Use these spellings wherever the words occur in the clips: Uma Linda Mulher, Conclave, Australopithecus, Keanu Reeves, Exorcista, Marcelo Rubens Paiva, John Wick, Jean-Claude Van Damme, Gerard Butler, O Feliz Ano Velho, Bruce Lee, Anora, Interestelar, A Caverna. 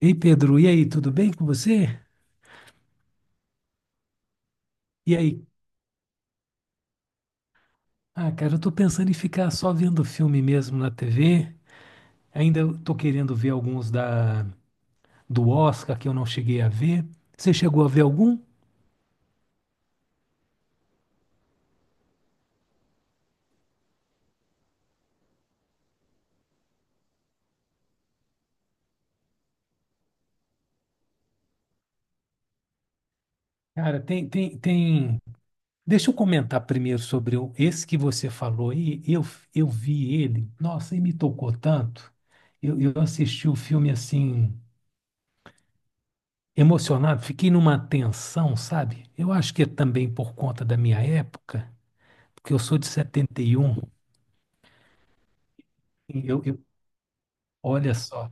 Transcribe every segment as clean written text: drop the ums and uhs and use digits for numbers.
Ei, Pedro, e aí, tudo bem com você? E aí? Ah, cara, eu tô pensando em ficar só vendo filme mesmo na TV. Ainda eu tô querendo ver alguns da do Oscar que eu não cheguei a ver. Você chegou a ver algum? Cara, tem. Deixa eu comentar primeiro sobre esse que você falou. Eu vi ele. Nossa, e me tocou tanto. Eu assisti o filme assim emocionado, fiquei numa tensão, sabe? Eu acho que é também por conta da minha época, porque eu sou de 71. E Eu, eu- Olha só.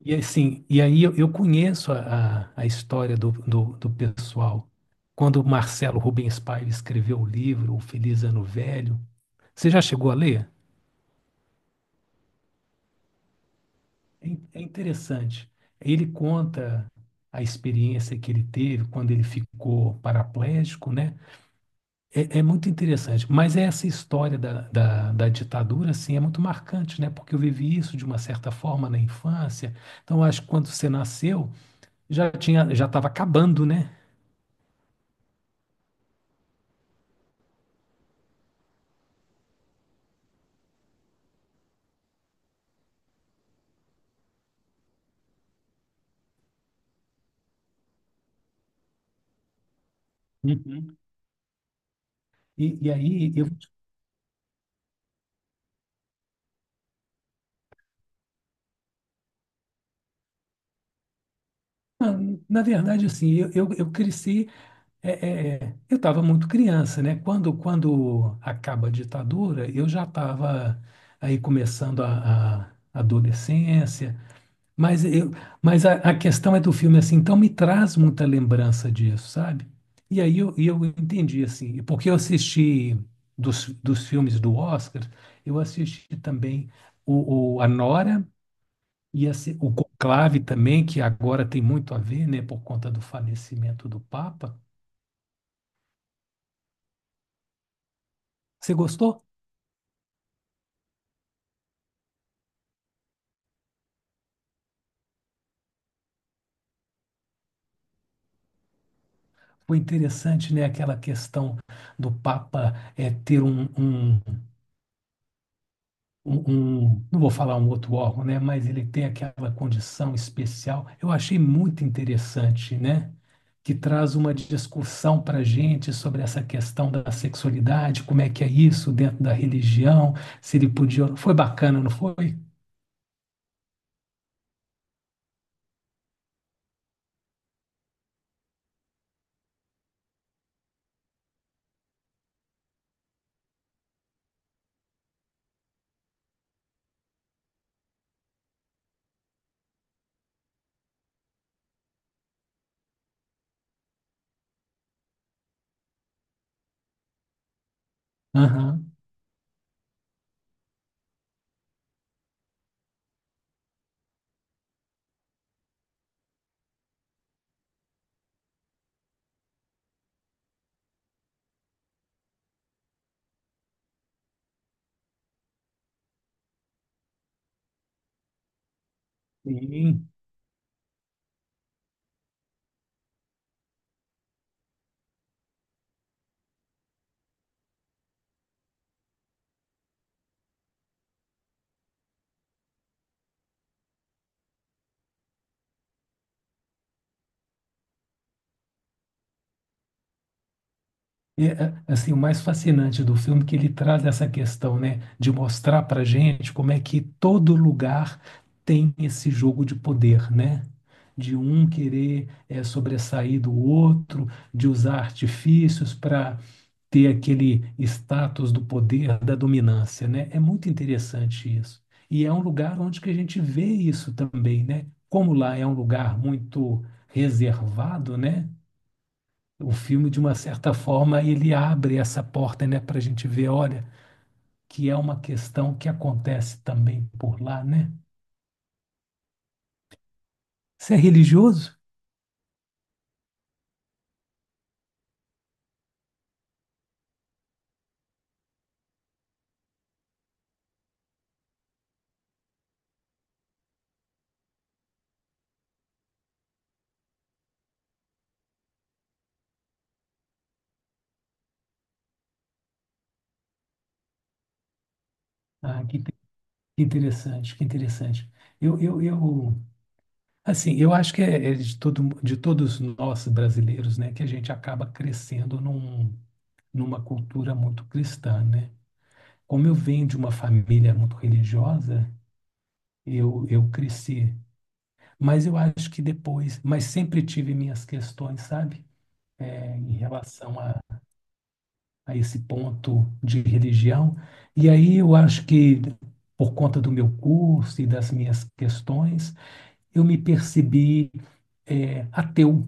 E assim, e aí eu conheço a, a história do pessoal. Quando o Marcelo Rubens Paiva escreveu o livro O Feliz Ano Velho, você já chegou a ler? É, é interessante. Ele conta a experiência que ele teve quando ele ficou paraplégico, né? É, é muito interessante. Mas essa história da, da ditadura, assim, é muito marcante, né? Porque eu vivi isso de uma certa forma na infância. Então, eu acho que quando você nasceu já tinha, já estava acabando, né? Uhum. E aí, eu, na verdade, assim, eu cresci, eu estava muito criança, né? Quando acaba a ditadura, eu já estava aí começando a adolescência, mas, eu, mas a questão é do filme, assim, então me traz muita lembrança disso, sabe? E eu entendi, assim, porque eu assisti dos, dos filmes do Oscar, eu assisti também o A Nora, e assim, o Conclave também, que agora tem muito a ver, né, por conta do falecimento do Papa. Você gostou? Foi interessante, né, aquela questão do Papa ter um, um não vou falar um outro órgão, né, mas ele tem aquela condição especial. Eu achei muito interessante, né, que traz uma discussão para a gente sobre essa questão da sexualidade, como é que é isso dentro da religião, se ele podia. Foi bacana, não foi? Aham. Sim. E, é, assim, o mais fascinante do filme é que ele traz essa questão, né, de mostrar para gente como é que todo lugar tem esse jogo de poder, né? De um querer sobressair do outro, de usar artifícios para ter aquele status do poder, da dominância, né? É muito interessante isso. E é um lugar onde que a gente vê isso também, né? Como lá é um lugar muito reservado, né? O filme, de uma certa forma, ele abre essa porta, né, para a gente ver, olha, que é uma questão que acontece também por lá, né? Você é religioso? Ah, que interessante, que interessante. Eu, eu, eu, assim, eu acho que é, é de todo, de todos nós brasileiros, né, que a gente acaba crescendo num, numa cultura muito cristã, né? Como eu venho de uma família muito religiosa, eu cresci. Mas eu acho que depois, mas sempre tive minhas questões, sabe? Em relação a esse ponto de religião. E aí eu acho que, por conta do meu curso e das minhas questões, eu me percebi ateu,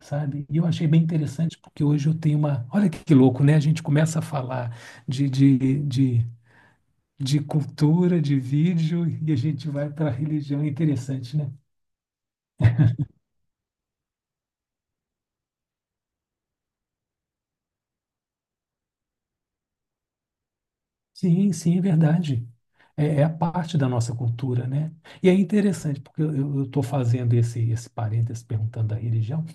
sabe? E eu achei bem interessante, porque hoje eu tenho uma. Olha que louco, né? A gente começa a falar de, de, de, de cultura, de vídeo, e a gente vai para a religião. É interessante, né? Sim, sim, é verdade. É, é a parte da nossa cultura, né? E é interessante, porque eu estou fazendo esse, esse parênteses perguntando da religião,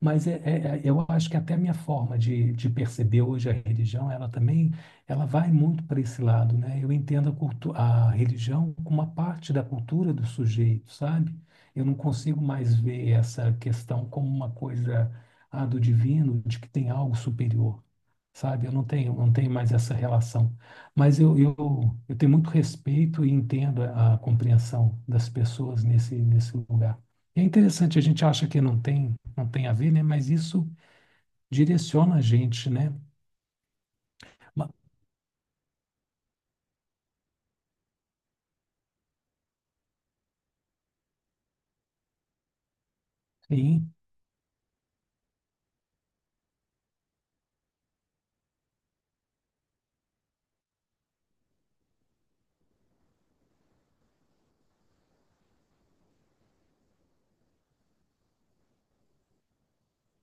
mas eu acho que até a minha forma de perceber hoje a religião, ela também, ela vai muito para esse lado, né? Eu entendo a, cultu a religião como uma parte da cultura do sujeito, sabe? Eu não consigo mais ver essa questão como uma coisa, ah, do divino, de que tem algo superior sabe? Eu não tenho mais essa relação. Mas eu, eu, eu tenho muito respeito e entendo a compreensão das pessoas nesse, nesse lugar. É interessante, a gente acha que não tem a ver, né? Mas isso direciona a gente, né? Ma- Sim,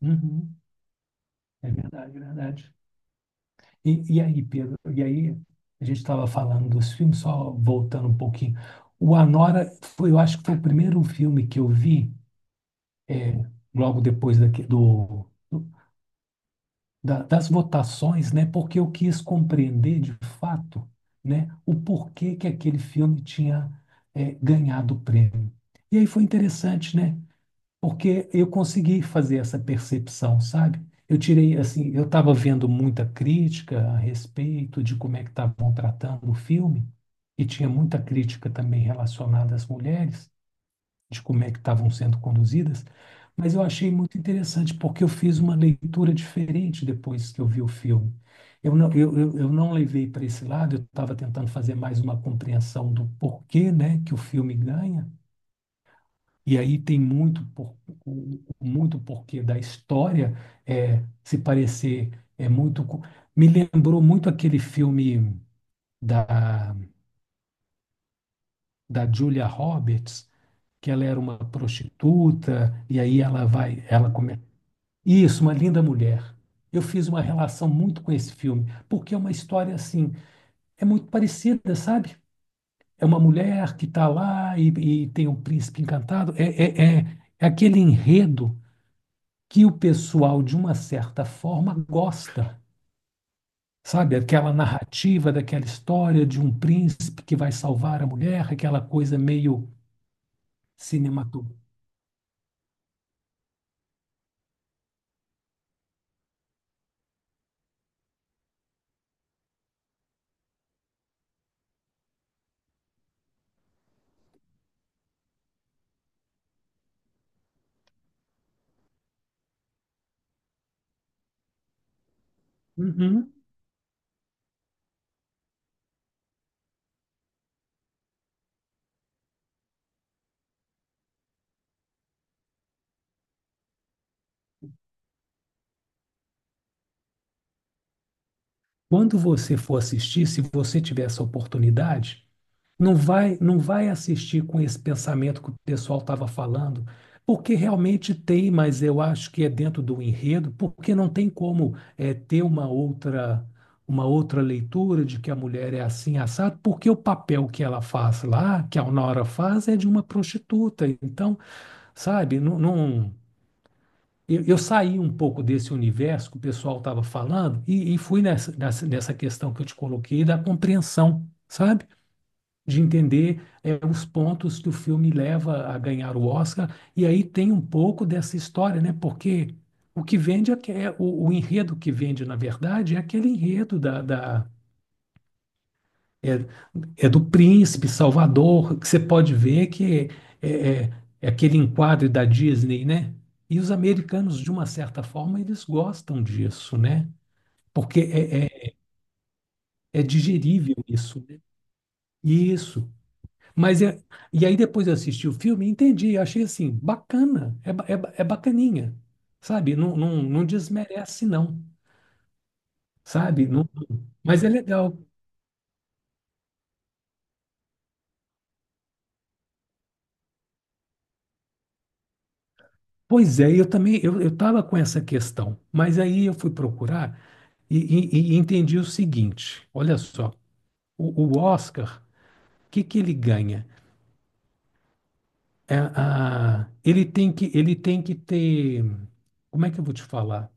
uhum, é verdade, é verdade. E aí, Pedro, e aí a gente estava falando dos filmes, só voltando um pouquinho. O Anora foi, eu acho que foi o primeiro filme que eu vi, é, logo depois daqui, do- das votações, né? Porque eu quis compreender de fato, né, o porquê que aquele filme tinha ganhado o prêmio. E aí foi interessante, né? Porque eu consegui fazer essa percepção, sabe? Eu tirei assim, eu estava vendo muita crítica a respeito de como é que estavam tratando o filme, e tinha muita crítica também relacionada às mulheres de como é que estavam sendo conduzidas, mas eu achei muito interessante porque eu fiz uma leitura diferente depois que eu vi o filme. Eu não levei para esse lado, eu estava tentando fazer mais uma compreensão do porquê, né, que o filme ganha, e aí tem muito, muito porquê da história se parecer é muito... Me lembrou muito aquele filme da, da Julia Roberts, que ela era uma prostituta, e aí ela vai, ela come, isso, Uma Linda Mulher. Eu fiz uma relação muito com esse filme, porque é uma história assim, é muito parecida, sabe? É uma mulher que está lá e tem um príncipe encantado. É aquele enredo que o pessoal, de uma certa forma, gosta, sabe? Aquela narrativa daquela história de um príncipe que vai salvar a mulher, aquela coisa meio cinematográfica. Uhum. Quando você for assistir, se você tiver essa oportunidade, não vai assistir com esse pensamento que o pessoal estava falando, porque realmente tem, mas eu acho que é dentro do enredo, porque não tem como ter uma outra leitura de que a mulher é assim assado, porque o papel que ela faz lá, que a Nora faz, é de uma prostituta. Então, sabe, eu saí um pouco desse universo que o pessoal estava falando e fui nessa questão que eu te coloquei da compreensão, sabe? De entender os pontos que o filme leva a ganhar o Oscar, e aí tem um pouco dessa história, né? Porque o que vende o enredo que vende, na verdade, é aquele enredo é, do príncipe Salvador, que você pode ver que é aquele enquadro da Disney, né? E os americanos, de uma certa forma, eles gostam disso, né? Porque é digerível isso, né? Isso. Mas é, e aí depois eu assisti o filme e entendi, achei assim, bacana, é bacaninha, sabe? Não desmerece não, sabe? Não, mas é legal. Pois é, eu também, eu tava com essa questão, mas aí eu fui procurar e, e entendi o seguinte, olha só, o Oscar, o que que ele ganha? Ele tem que ter, como é que eu vou te falar?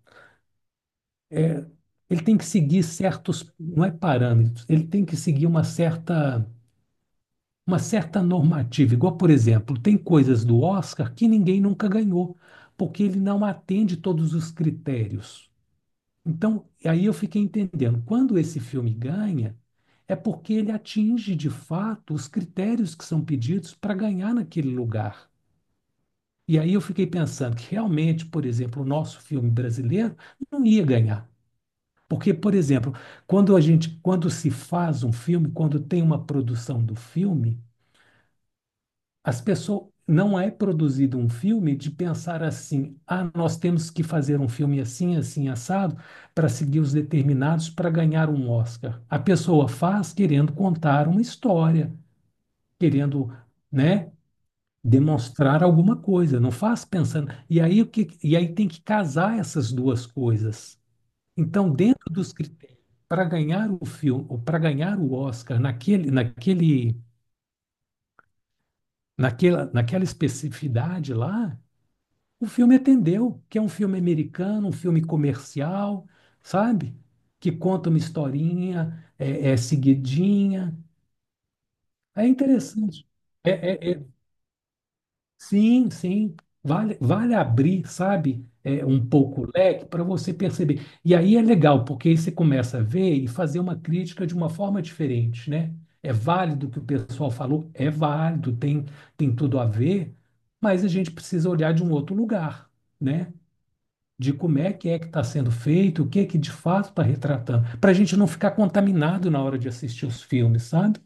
Ele tem que seguir certos, não é parâmetros, ele tem que seguir uma certa normativa. Igual, por exemplo, tem coisas do Oscar que ninguém nunca ganhou, porque ele não atende todos os critérios. Então, aí eu fiquei entendendo, quando esse filme ganha, é porque ele atinge de fato os critérios que são pedidos para ganhar naquele lugar. E aí eu fiquei pensando que realmente, por exemplo, o nosso filme brasileiro não ia ganhar. Porque, por exemplo, quando a gente, quando se faz um filme, quando tem uma produção do filme, as pessoas não é produzido um filme de pensar assim, ah, nós temos que fazer um filme assim, assim, assado, para seguir os determinados para ganhar um Oscar. A pessoa faz querendo contar uma história, querendo, né, demonstrar alguma coisa, não faz pensando. E aí o que, e aí tem que casar essas duas coisas. Então, dentro dos critérios para ganhar o filme, ou para ganhar o Oscar naquela especificidade lá, o filme atendeu, que é um filme americano, um filme comercial, sabe? Que conta uma historinha, seguidinha. É interessante. É, é- é- sim, sim. Vale, vale abrir, sabe? É, um pouco o leque para você perceber. E aí é legal, porque aí você começa a ver e fazer uma crítica de uma forma diferente, né? É válido o que o pessoal falou, é válido, tem, tem tudo a ver, mas a gente precisa olhar de um outro lugar, né? De como é que está sendo feito, o que é que de fato está retratando, para a gente não ficar contaminado na hora de assistir os filmes, sabe?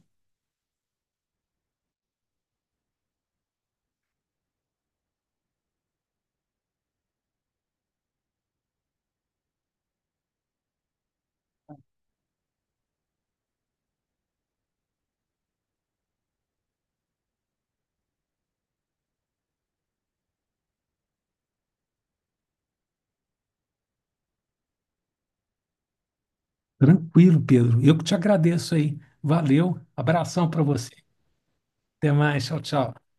Tranquilo, Pedro. Eu que te agradeço aí. Valeu. Abração para você. Até mais. Tchau, tchau.